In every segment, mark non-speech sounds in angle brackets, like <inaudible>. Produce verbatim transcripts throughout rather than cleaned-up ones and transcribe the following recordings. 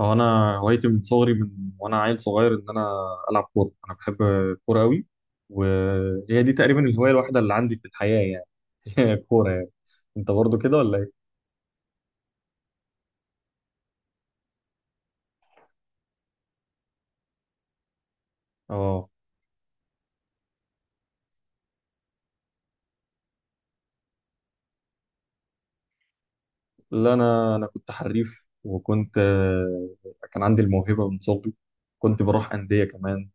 هو انا هوايتي من صغري من وانا عيل صغير ان انا العب كوره. انا بحب الكوره قوي، وهي دي تقريبا الهوايه الوحيده اللي عندي في الحياه يعني. <laughs> هي الكوره يعني. انت برضو كده ولا ايه؟ اه. لا، انا انا كنت حريف، وكنت آه، كان عندي الموهبه من صغري. كنت بروح انديه كمان،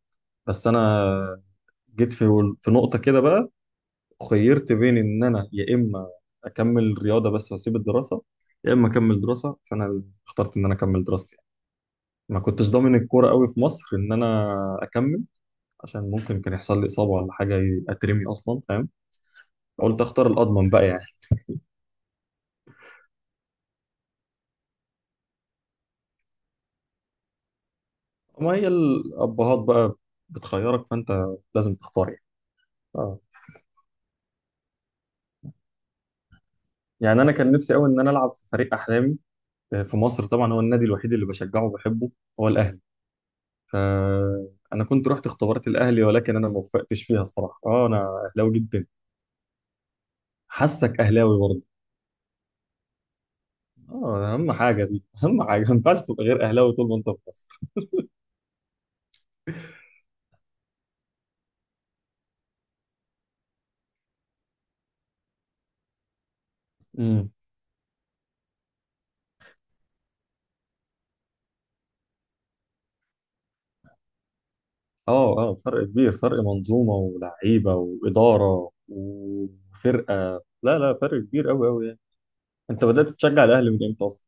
بس انا جيت في في نقطه كده بقى. خيرت بين ان انا يا اما اكمل رياضه بس واسيب الدراسه، يا اما اكمل دراسه. فانا اخترت ان انا اكمل دراستي. ما كنتش ضامن الكوره قوي في مصر ان انا اكمل، عشان ممكن كان يحصل لي اصابه ولا حاجه اترمي اصلا، فاهم. قلت اختار الاضمن بقى يعني. ما هي الابهات بقى بتخيرك، فانت لازم تختار يعني. آه. يعني انا كان نفسي قوي ان انا العب في فريق احلامي، آه، في مصر. طبعا هو النادي الوحيد اللي بشجعه وبحبه هو الاهلي، فانا كنت رحت اختبارات الاهلي، ولكن انا ما وفقتش فيها الصراحه. اه، انا اهلاوي جدا. حاسك اهلاوي برضه. اه، اهم حاجه دي، اهم حاجه ما ينفعش تبقى غير اهلاوي طول ما انت في مصر. امم. اه، اه، فرق كبير، فرق منظومه ولعيبه واداره وفرقه. لا، لا، فرق كبير قوي قوي يعني. انت بدات تشجع الاهلي من امتى اصلا؟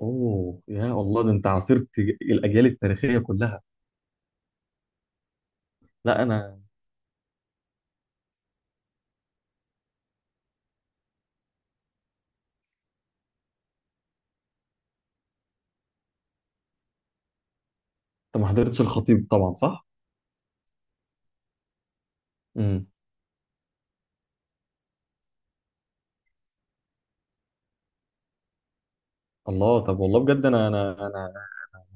اوه، يا الله، ده انت عاصرت الاجيال التاريخيه كلها. لا انا. انت ما حضرتش الخطيب طبعا، صح؟ امم. الله، طب والله بجد انا انا انا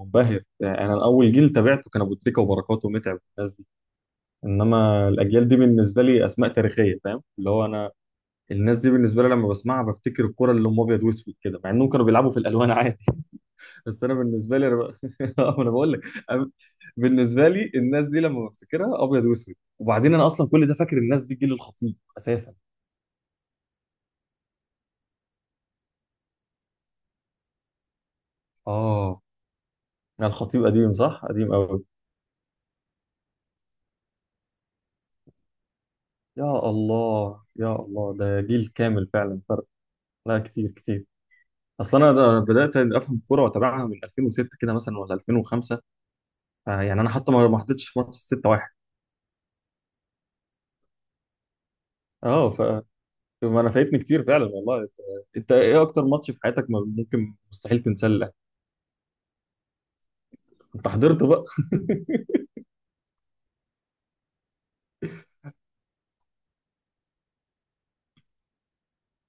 منبهر يعني. انا اول جيل تابعته كان ابو تريكه وبركات ومتعب والناس دي، انما الاجيال دي بالنسبه لي اسماء تاريخيه، فاهم؟ اللي هو انا الناس دي بالنسبه لي لما بسمعها بفتكر الكره اللي هم ابيض واسود كده، مع انهم كانوا بيلعبوا في الالوان عادي. <laughs> بس انا بالنسبه لي انا ب... <laughs> آه، انا بقول لك. أنا بالنسبه لي الناس دي لما بفتكرها ابيض واسود، وبعدين انا اصلا كل ده فاكر الناس دي جيل الخطيب اساسا. اه، يعني الخطيب قديم، صح؟ قديم قوي. يا الله، يا الله، ده جيل كامل فعلا فرق. لا، كتير كتير. اصلا انا ده بدات افهم الكوره واتابعها من الفين وستة كده مثلا، ولا الفين وخمسة. يعني انا حتى ما ما حضرتش ماتش ستة واحد. اه، ف ما انا فايتني كتير فعلا والله. انت إنت ايه اكتر ماتش في حياتك ما ممكن مستحيل تنساه؟ انت حضرت بقى.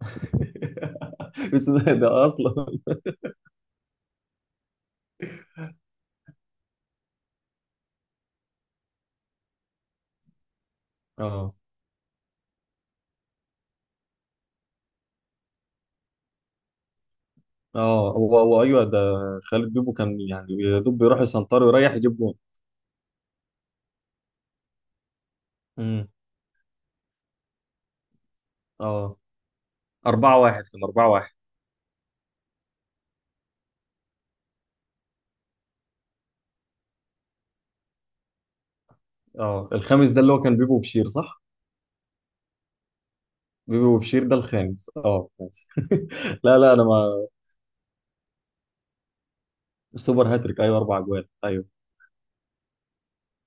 <laughs> بس ده, ده اصلا. اه، اه، هو هو ايوه ده. خالد بيبو كان يعني يا دوب بيروح يسنطر ويريح يجيب جون. امم، اه، اربعة واحد كان اربعة واحد. اه، الخامس ده اللي هو كان بيبو وبشير، صح؟ بيبو وبشير ده الخامس، اه ماشي. <laughs> لا لا، انا ما. سوبر هاتريك، ايوه، اربع اجوال، ايوه.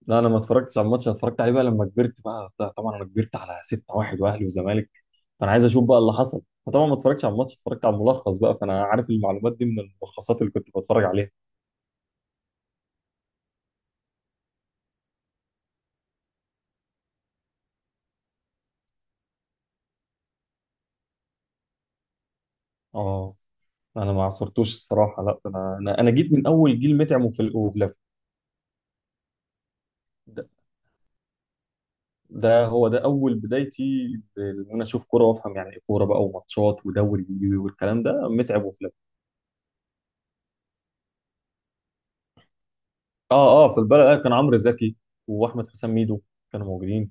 لا، انا ما اتفرجتش على الماتش. أنا اتفرجت عليه بقى لما كبرت بقى. طبعا انا كبرت على ستة واحد واهلي وزمالك، فانا عايز اشوف بقى اللي حصل. فطبعا ما اتفرجتش على الماتش، اتفرجت على الملخص بقى، فانا عارف المعلومات دي من الملخصات اللي كنت بتفرج عليها. اه، انا ما عصرتوش الصراحه. لا، انا انا انا جيت من اول جيل متعم وفل- وفلافي. ده, ده هو ده اول بدايتي، ان انا اشوف كوره وافهم يعني ايه كوره بقى وماتشات ودوري والكلام ده، متعب وفلافي. اه، اه، في البلد، آه، كان عمرو زكي واحمد حسام ميدو كانوا موجودين،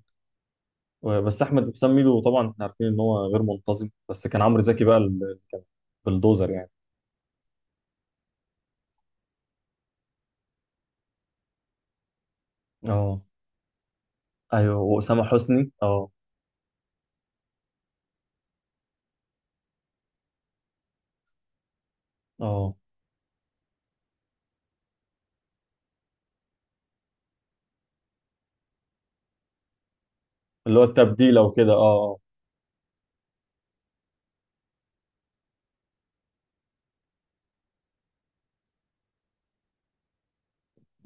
و- بس احمد حسام ميدو طبعا احنا عارفين ان هو غير منتظم، بس كان عمرو زكي بقى اللي كان بلدوزر يعني. اه، ايوه، واسامه حسني، اه. اه، اللي هو التبديل او كده، اه. آه.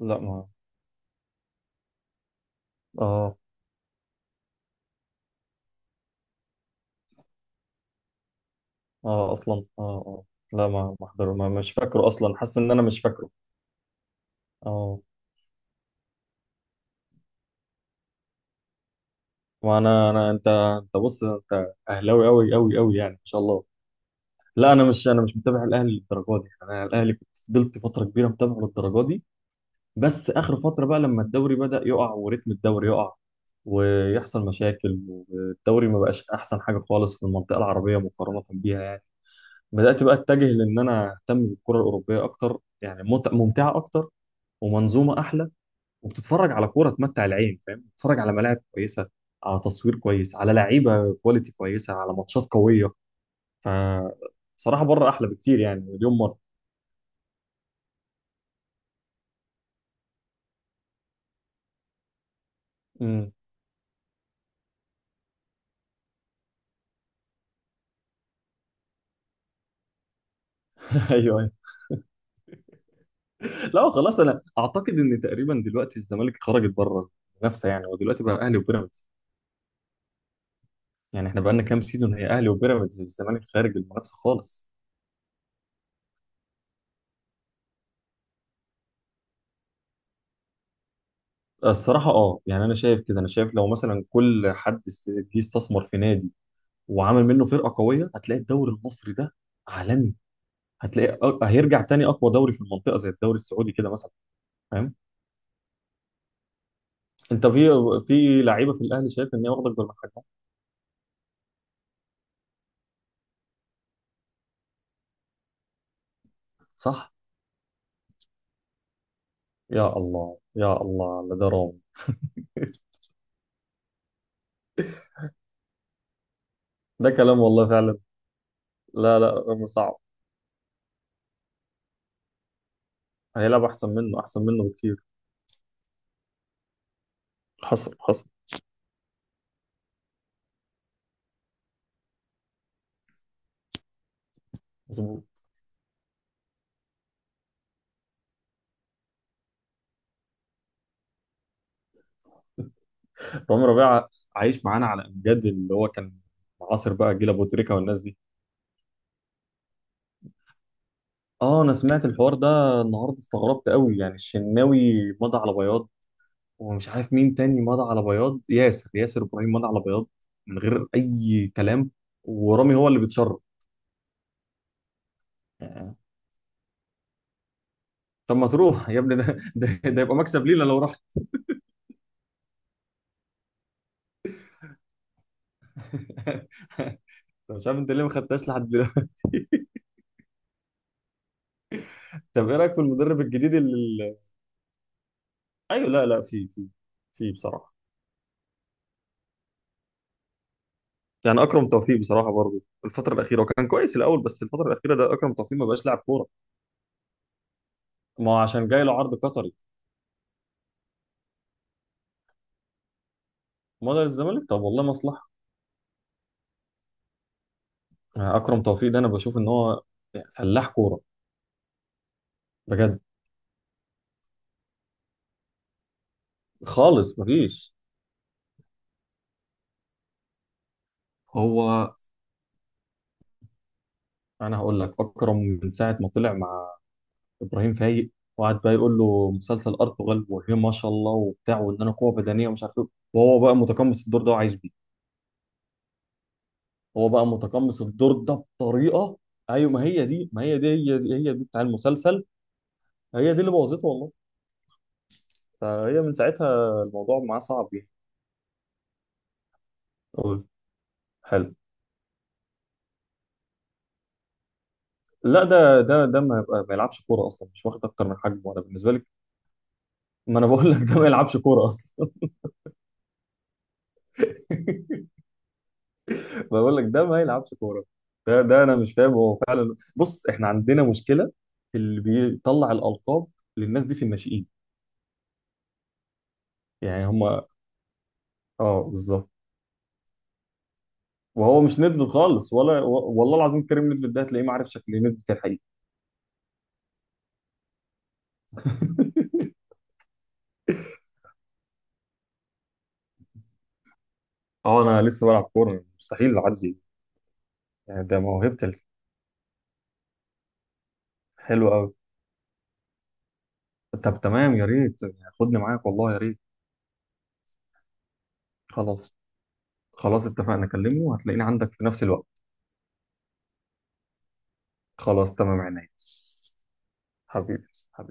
لا ما. اه، اه، اصلا. اه، اه. لا، ما ما حضر، ما مش فاكره اصلا، حاسس ان انا مش فاكره. اه. وانا انا انت انت بص، انت اهلاوي قوي قوي قوي يعني، ما شاء الله. لا، انا مش انا مش متابع الاهلي للدرجه دي يعني. انا الاهلي كنت فضلت فتره كبيره متابعه للدرجه دي. بس اخر فتره بقى لما الدوري بدأ يقع، وريتم الدوري يقع، ويحصل مشاكل، والدوري ما بقاش احسن حاجه خالص في المنطقه العربيه مقارنه بيها يعني، بدأت بقى أتجه لأن أنا أهتم بالكرة الأوروبية أكتر. يعني ممت- ممتعة أكتر، ومنظومة أحلى، وبتتفرج على كورة تمتع العين، فاهم، بتتفرج على ملاعب كويسة، على تصوير كويس، على لعيبة كواليتي كويسة، على ماتشات قوية. ف بصراحة بره أحلى بكتير، يعني مليون مرة. امم. <laughs> أيوه، أيوه. لا، خلاص، أنا أعتقد إن تقريبا دلوقتي الزمالك خرجت بره المنافسة يعني. ودلوقتي بقى أهلي وبيراميدز، يعني إحنا بقالنا كام سيزون هي أهلي وبيراميدز، الزمالك خارج المنافسة خالص. الصراحة اه يعني، أنا شايف كده، أنا شايف لو مثلا كل حد است- جه استثمر في نادي وعمل منه فرقة قوية، هتلاقي الدوري المصري ده عالمي. هتلاقي أ- هيرجع تاني أقوى دوري في المنطقة، زي الدوري السعودي كده مثلا، فاهم. أنت في في لعيبة في الأهلي شايف إن هي واخدة أكبر من حجمها، صح؟ يا الله، يا الله على ده رامي. ده كلام، والله فعلا. لا، لا، رامي صعب. هيلعب أحسن منه، أحسن منه بكتير. حصل، حصل. مظبوط. رامي ربيعة عايش معانا على أمجاد اللي هو كان عاصر بقى جيل أبو تريكة والناس دي. اه، انا سمعت الحوار ده النهارده، استغربت قوي يعني. الشناوي مضى على بياض، ومش عارف مين تاني مضى على بياض، ياسر ياسر ابراهيم مضى على بياض، من غير اي كلام. ورامي هو اللي بيتشرط يعني. طب ما تروح يا ابني، ده ده, ده يبقى مكسب لينا لو راح. <laughs> طب مش عارف انت ليه ما خدتهاش لحد دلوقتي. <laughs> طب ايه رايك في المدرب الجديد اللي، ايوه، لا، لا، في في في، بصراحه. يعني اكرم توفيق بصراحه برضه الفتره الاخيره، وكان كويس الاول، بس الفتره الاخيره ده اكرم توفيق ما بقاش لاعب كوره. ما هو عشان جاي له عرض قطري. مضى للزمالك، طب والله مصلحه. اكرم توفيق ده انا بشوف ان هو فلاح كوره بجد. خالص مفيش. هو انا هقول لك، اكرم من ساعه ما طلع مع ابراهيم فايق، وقعد بقى يقول له مسلسل ارطغرل، وهي ما شاء الله، وبتاع، وان انا قوه بدنيه، ومش عارف ايه، وهو بقى متقمص الدور ده وعايش بيه. هو بقى متقمص الدور ده بطريقه. ايوه، ما هي دي، ما هي دي، هي دي، هي دي بتاع المسلسل. هي دي اللي بوظته والله. فهي من ساعتها الموضوع معاه صعب يعني. قول. حلو. لا، ده ده ده ما، يبقى- ما يلعبش كوره اصلا، مش واخد اكتر من حجمه انا بالنسبه لك. ما انا بقول لك ده ما يلعبش كوره اصلا. <laughs> بقول لك ده ما يلعبش كوره. ده ده انا مش فاهم هو فعلا. بص، احنا عندنا مشكله في اللي بيطلع الالقاب للناس دي في الناشئين، يعني هم. اه، بالظبط. وهو مش ندفت خالص، ولا و- والله العظيم كريم ندفت ده هتلاقيه ما عارف شكل ندفت الحقيقي. اه، انا لسه بلعب كوره، مستحيل اعدي. يعني ده موهبتي الحلوه قوي. طب تمام، يا ريت يعني، خدني معاك والله يا ريت. خلاص. خلاص اتفقنا كلمه، وهتلاقيني عندك في نفس الوقت. خلاص، تمام عينيا. حبيبي، حبيبي.